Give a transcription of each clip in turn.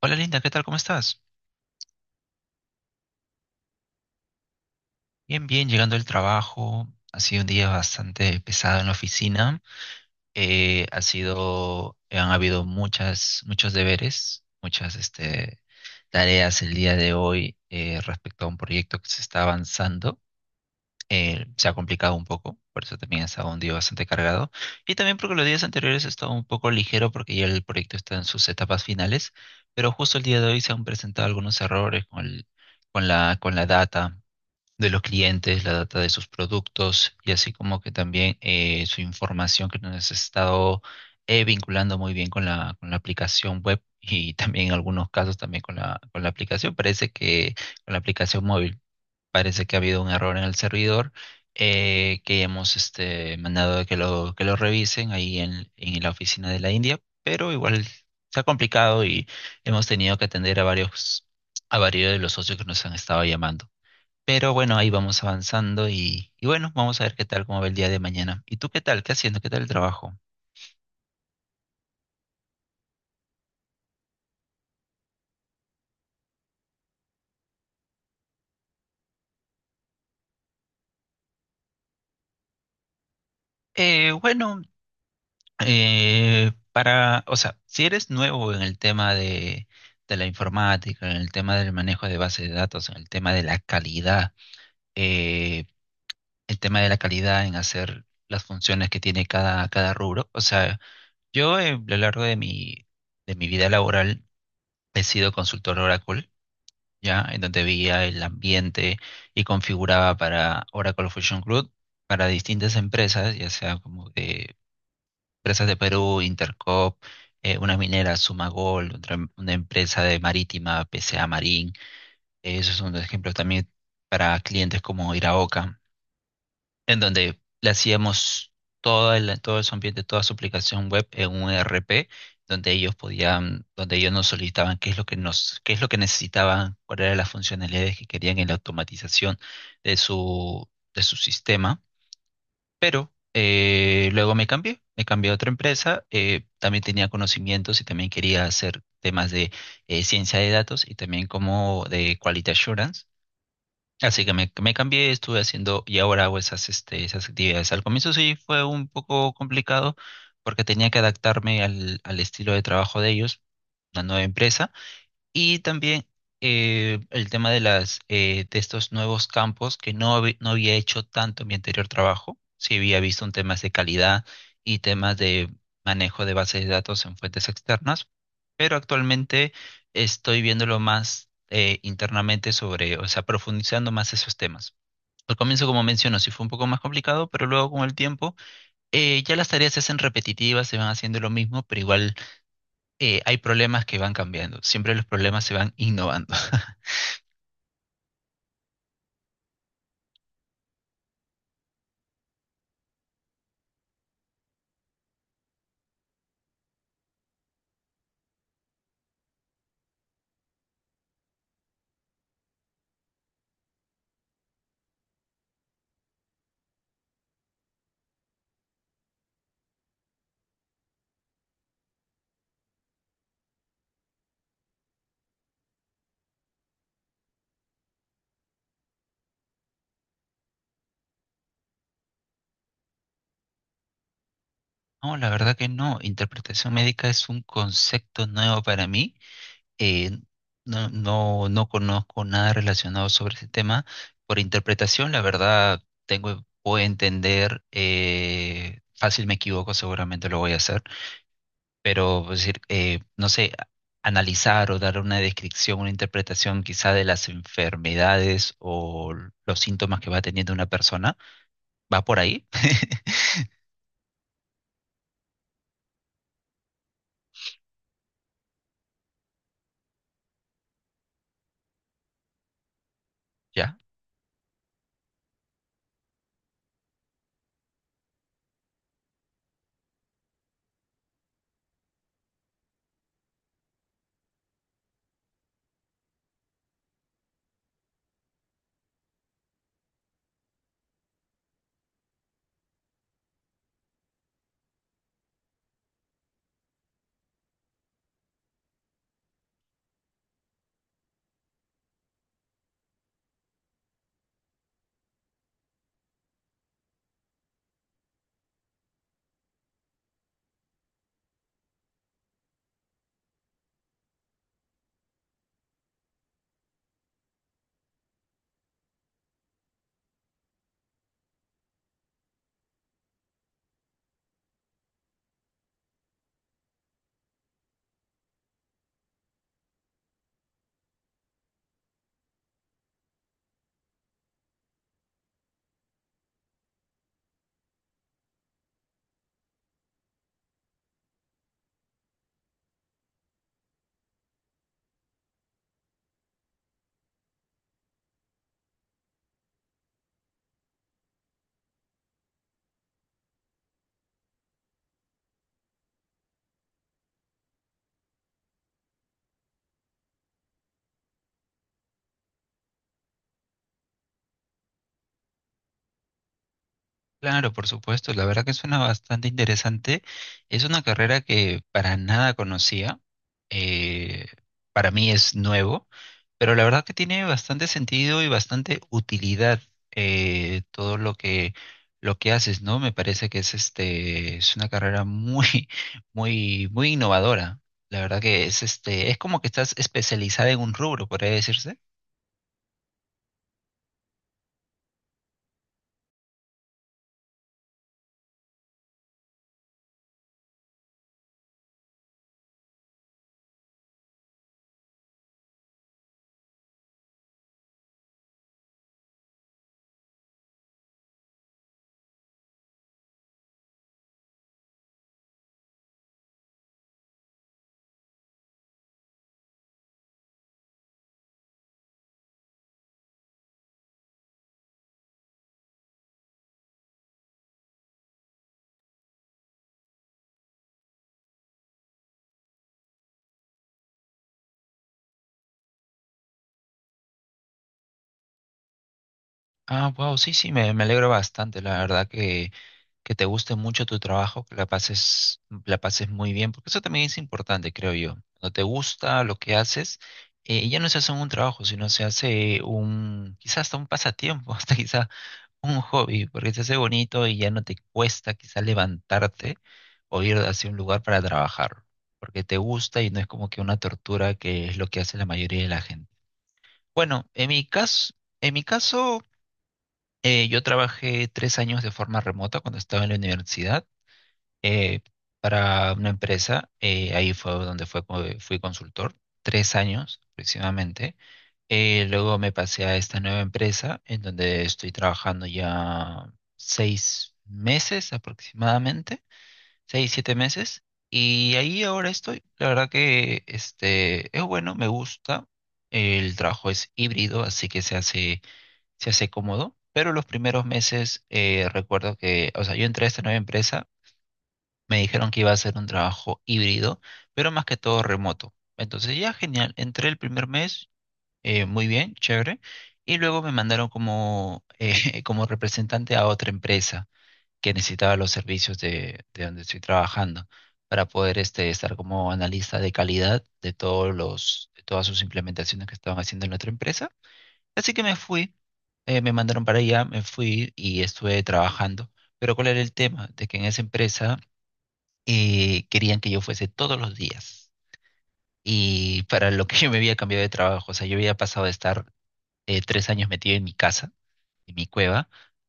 Hola Linda, ¿qué tal? ¿Cómo estás? Bien, bien, llegando del trabajo. Ha sido un día bastante pesado en la oficina. Ha sido, han habido muchas, muchos deberes, muchas tareas el día de hoy respecto a un proyecto que se está avanzando. Se ha complicado un poco, por eso también ha estado un día bastante cargado. Y también porque los días anteriores ha estado un poco ligero porque ya el proyecto está en sus etapas finales, pero justo el día de hoy se han presentado algunos errores con la data de los clientes, la data de sus productos y así como que también su información que nos ha estado vinculando muy bien con la aplicación web y también en algunos casos también con la aplicación. Parece que con la aplicación móvil parece que ha habido un error en el servidor que hemos mandado a que lo revisen ahí en la oficina de la India, pero igual se ha complicado y hemos tenido que atender a a varios de los socios que nos han estado llamando. Pero bueno, ahí vamos avanzando y bueno, vamos a ver qué tal, cómo va el día de mañana. ¿Y tú qué tal? ¿Qué haciendo? ¿Qué tal el trabajo? Eh, bueno, para, o sea, si eres nuevo en el tema de la informática, en el tema del manejo de bases de datos, en el tema de la calidad, eh, el tema de la calidad en hacer las funciones que tiene cada rubro. O sea, yo a lo largo de de mi vida laboral he sido consultor Oracle, ¿ya? En donde veía el ambiente y configuraba para Oracle Fusion Cloud, para distintas empresas, ya sea como de empresas de Perú, Intercop, una minera Sumagol, otra, una empresa de marítima, PCA Marín. Esos son dos ejemplos también para clientes como Iraoka, en donde le hacíamos todo su ambiente, toda su aplicación web en un ERP, donde ellos podían, donde ellos nos solicitaban qué es lo que nos, qué es lo que necesitaban, cuáles eran las funcionalidades que querían en la automatización de de su sistema. Luego me cambié a otra empresa, también tenía conocimientos y también quería hacer temas de ciencia de datos y también como de quality assurance. Así que me cambié, estuve haciendo y ahora hago esas actividades. Al comienzo sí fue un poco complicado porque tenía que adaptarme al estilo de trabajo de ellos, una nueva empresa, y también el tema de las de estos nuevos campos que no, habí- no había hecho tanto en mi anterior trabajo. Sí había visto en temas de calidad y temas de manejo de bases de datos en fuentes externas, pero actualmente estoy viéndolo más internamente sobre, o sea, profundizando más esos temas. Al comienzo, como menciono, sí fue un poco más complicado, pero luego con el tiempo ya las tareas se hacen repetitivas, se van haciendo lo mismo, pero igual hay problemas que van cambiando. Siempre los problemas se van innovando. No, la verdad que no. Interpretación médica es un concepto nuevo para mí. Eh, no conozco nada relacionado sobre ese tema. Por interpretación, la verdad, tengo, puedo entender, fácil me equivoco, seguramente lo voy a hacer, pero pues, decir, no sé, analizar o dar una descripción, una interpretación quizá de las enfermedades o los síntomas que va teniendo una persona, ¿va por ahí? ¿Ya? Claro, por supuesto, la verdad que suena bastante interesante. Es una carrera que para nada conocía, eh, para mí es nuevo, pero la verdad que tiene bastante sentido y bastante utilidad todo lo que haces, ¿no? Me parece que es una carrera muy muy innovadora. La verdad que es como que estás especializada en un rubro, podría decirse. Ah, wow, sí, sí, me alegro bastante, la verdad que te guste mucho tu trabajo, que la pases muy bien, porque eso también es importante, creo yo. Cuando te gusta lo que haces, ya no se hace un trabajo, sino se hace un, quizás hasta un pasatiempo, hasta quizás un hobby, porque se hace bonito y ya no te cuesta quizás levantarte o ir hacia un lugar para trabajar, porque te gusta y no es como que una tortura que es lo que hace la mayoría de la gente. Bueno, en mi caso, en mi caso. Yo trabajé 3 años de forma remota cuando estaba en la universidad, eh, para una empresa. Ahí fue fui consultor, 3 años aproximadamente. Luego me pasé a esta nueva empresa en donde estoy trabajando ya 6 meses aproximadamente, 6, 7 meses. Y ahí ahora estoy. La verdad que es bueno, me gusta. El trabajo es híbrido, así que se hace cómodo, pero los primeros meses recuerdo que, o sea, yo entré a esta nueva empresa, me dijeron que iba a ser un trabajo híbrido, pero más que todo remoto. Entonces ya genial, entré el primer mes, muy bien, chévere, y luego me mandaron como representante a otra empresa que necesitaba los servicios de donde estoy trabajando para poder estar como analista de calidad de de todas sus implementaciones que estaban haciendo en la otra empresa. Así que me fui, me mandaron para allá, me fui y estuve trabajando. Pero ¿cuál era el tema? De que en esa empresa querían que yo fuese todos los días. Y para lo que yo me había cambiado de trabajo, o sea, yo había pasado de estar 3 años metido en mi casa, en mi cueva,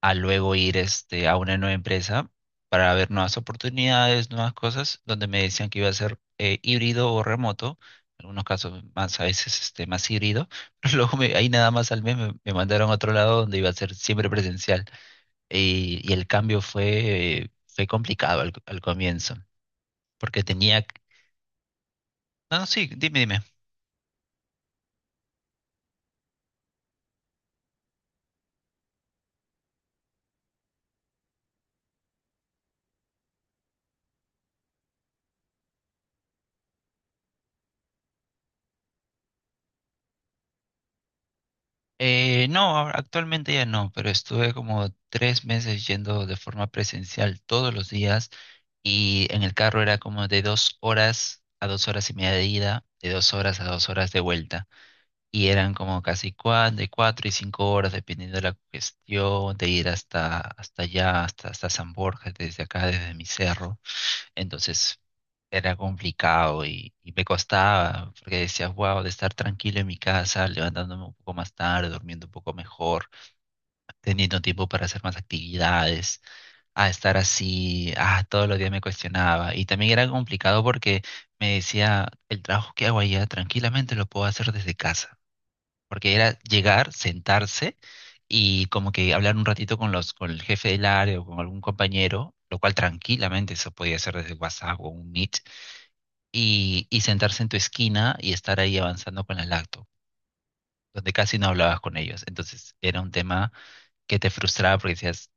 a luego ir a una nueva empresa para ver nuevas oportunidades, nuevas cosas, donde me decían que iba a ser híbrido o remoto, en algunos casos más, a veces más híbrido, pero ahí nada más al mes me mandaron a otro lado donde iba a ser siempre presencial. Y el cambio fue, fue complicado al comienzo, porque tenía... No, no, sí, dime, dime. Actualmente ya no, pero estuve como 3 meses yendo de forma presencial todos los días, y en el carro era como de 2 horas a 2 horas y media de ida, de 2 horas a 2 horas de vuelta, y eran como casi cuatro, de 4 y 5 horas, dependiendo de la cuestión de ir hasta allá, hasta San Borja, desde acá, desde mi cerro. Entonces era complicado y me costaba, porque decía, wow, de estar tranquilo en mi casa, levantándome un poco más tarde, durmiendo un poco mejor, teniendo tiempo para hacer más actividades, a estar así, ah, todos los días me cuestionaba. Y también era complicado porque me decía, el trabajo que hago allá tranquilamente lo puedo hacer desde casa, porque era llegar, sentarse y como que hablar un ratito con con el jefe del área o con algún compañero, lo cual tranquilamente se podía hacer desde WhatsApp o un Meet, y sentarse en tu esquina y estar ahí avanzando con la lacto, donde casi no hablabas con ellos. Entonces era un tema que te frustraba porque decías,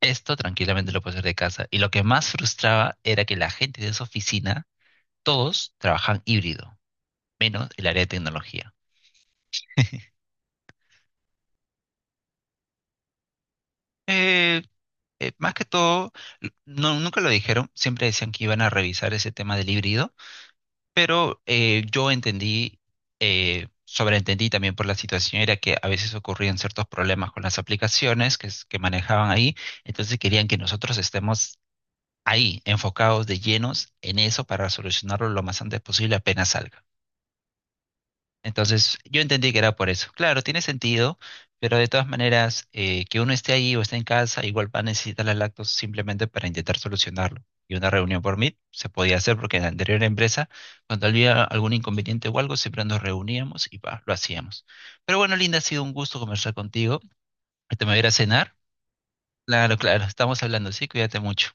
esto tranquilamente lo puedo hacer de casa. Y lo que más frustraba era que la gente de esa oficina, todos trabajan híbrido, menos el área de tecnología. Eh, más que todo, no, nunca lo dijeron, siempre decían que iban a revisar ese tema del híbrido. Pero yo entendí, sobreentendí también por la situación, era que a veces ocurrían ciertos problemas con las aplicaciones que manejaban ahí, entonces querían que nosotros estemos ahí, enfocados de llenos en eso para solucionarlo lo más antes posible apenas salga. Entonces, yo entendí que era por eso. Claro, tiene sentido, pero de todas maneras, que uno esté ahí o esté en casa, igual va a necesitar las lactos simplemente para intentar solucionarlo. Y una reunión por Meet se podía hacer porque en la anterior empresa, cuando había algún inconveniente o algo, siempre nos reuníamos y pa, lo hacíamos. Pero bueno, Linda, ha sido un gusto conversar contigo. Te me voy a ir a cenar. Claro, claro, estamos hablando, sí, cuídate mucho.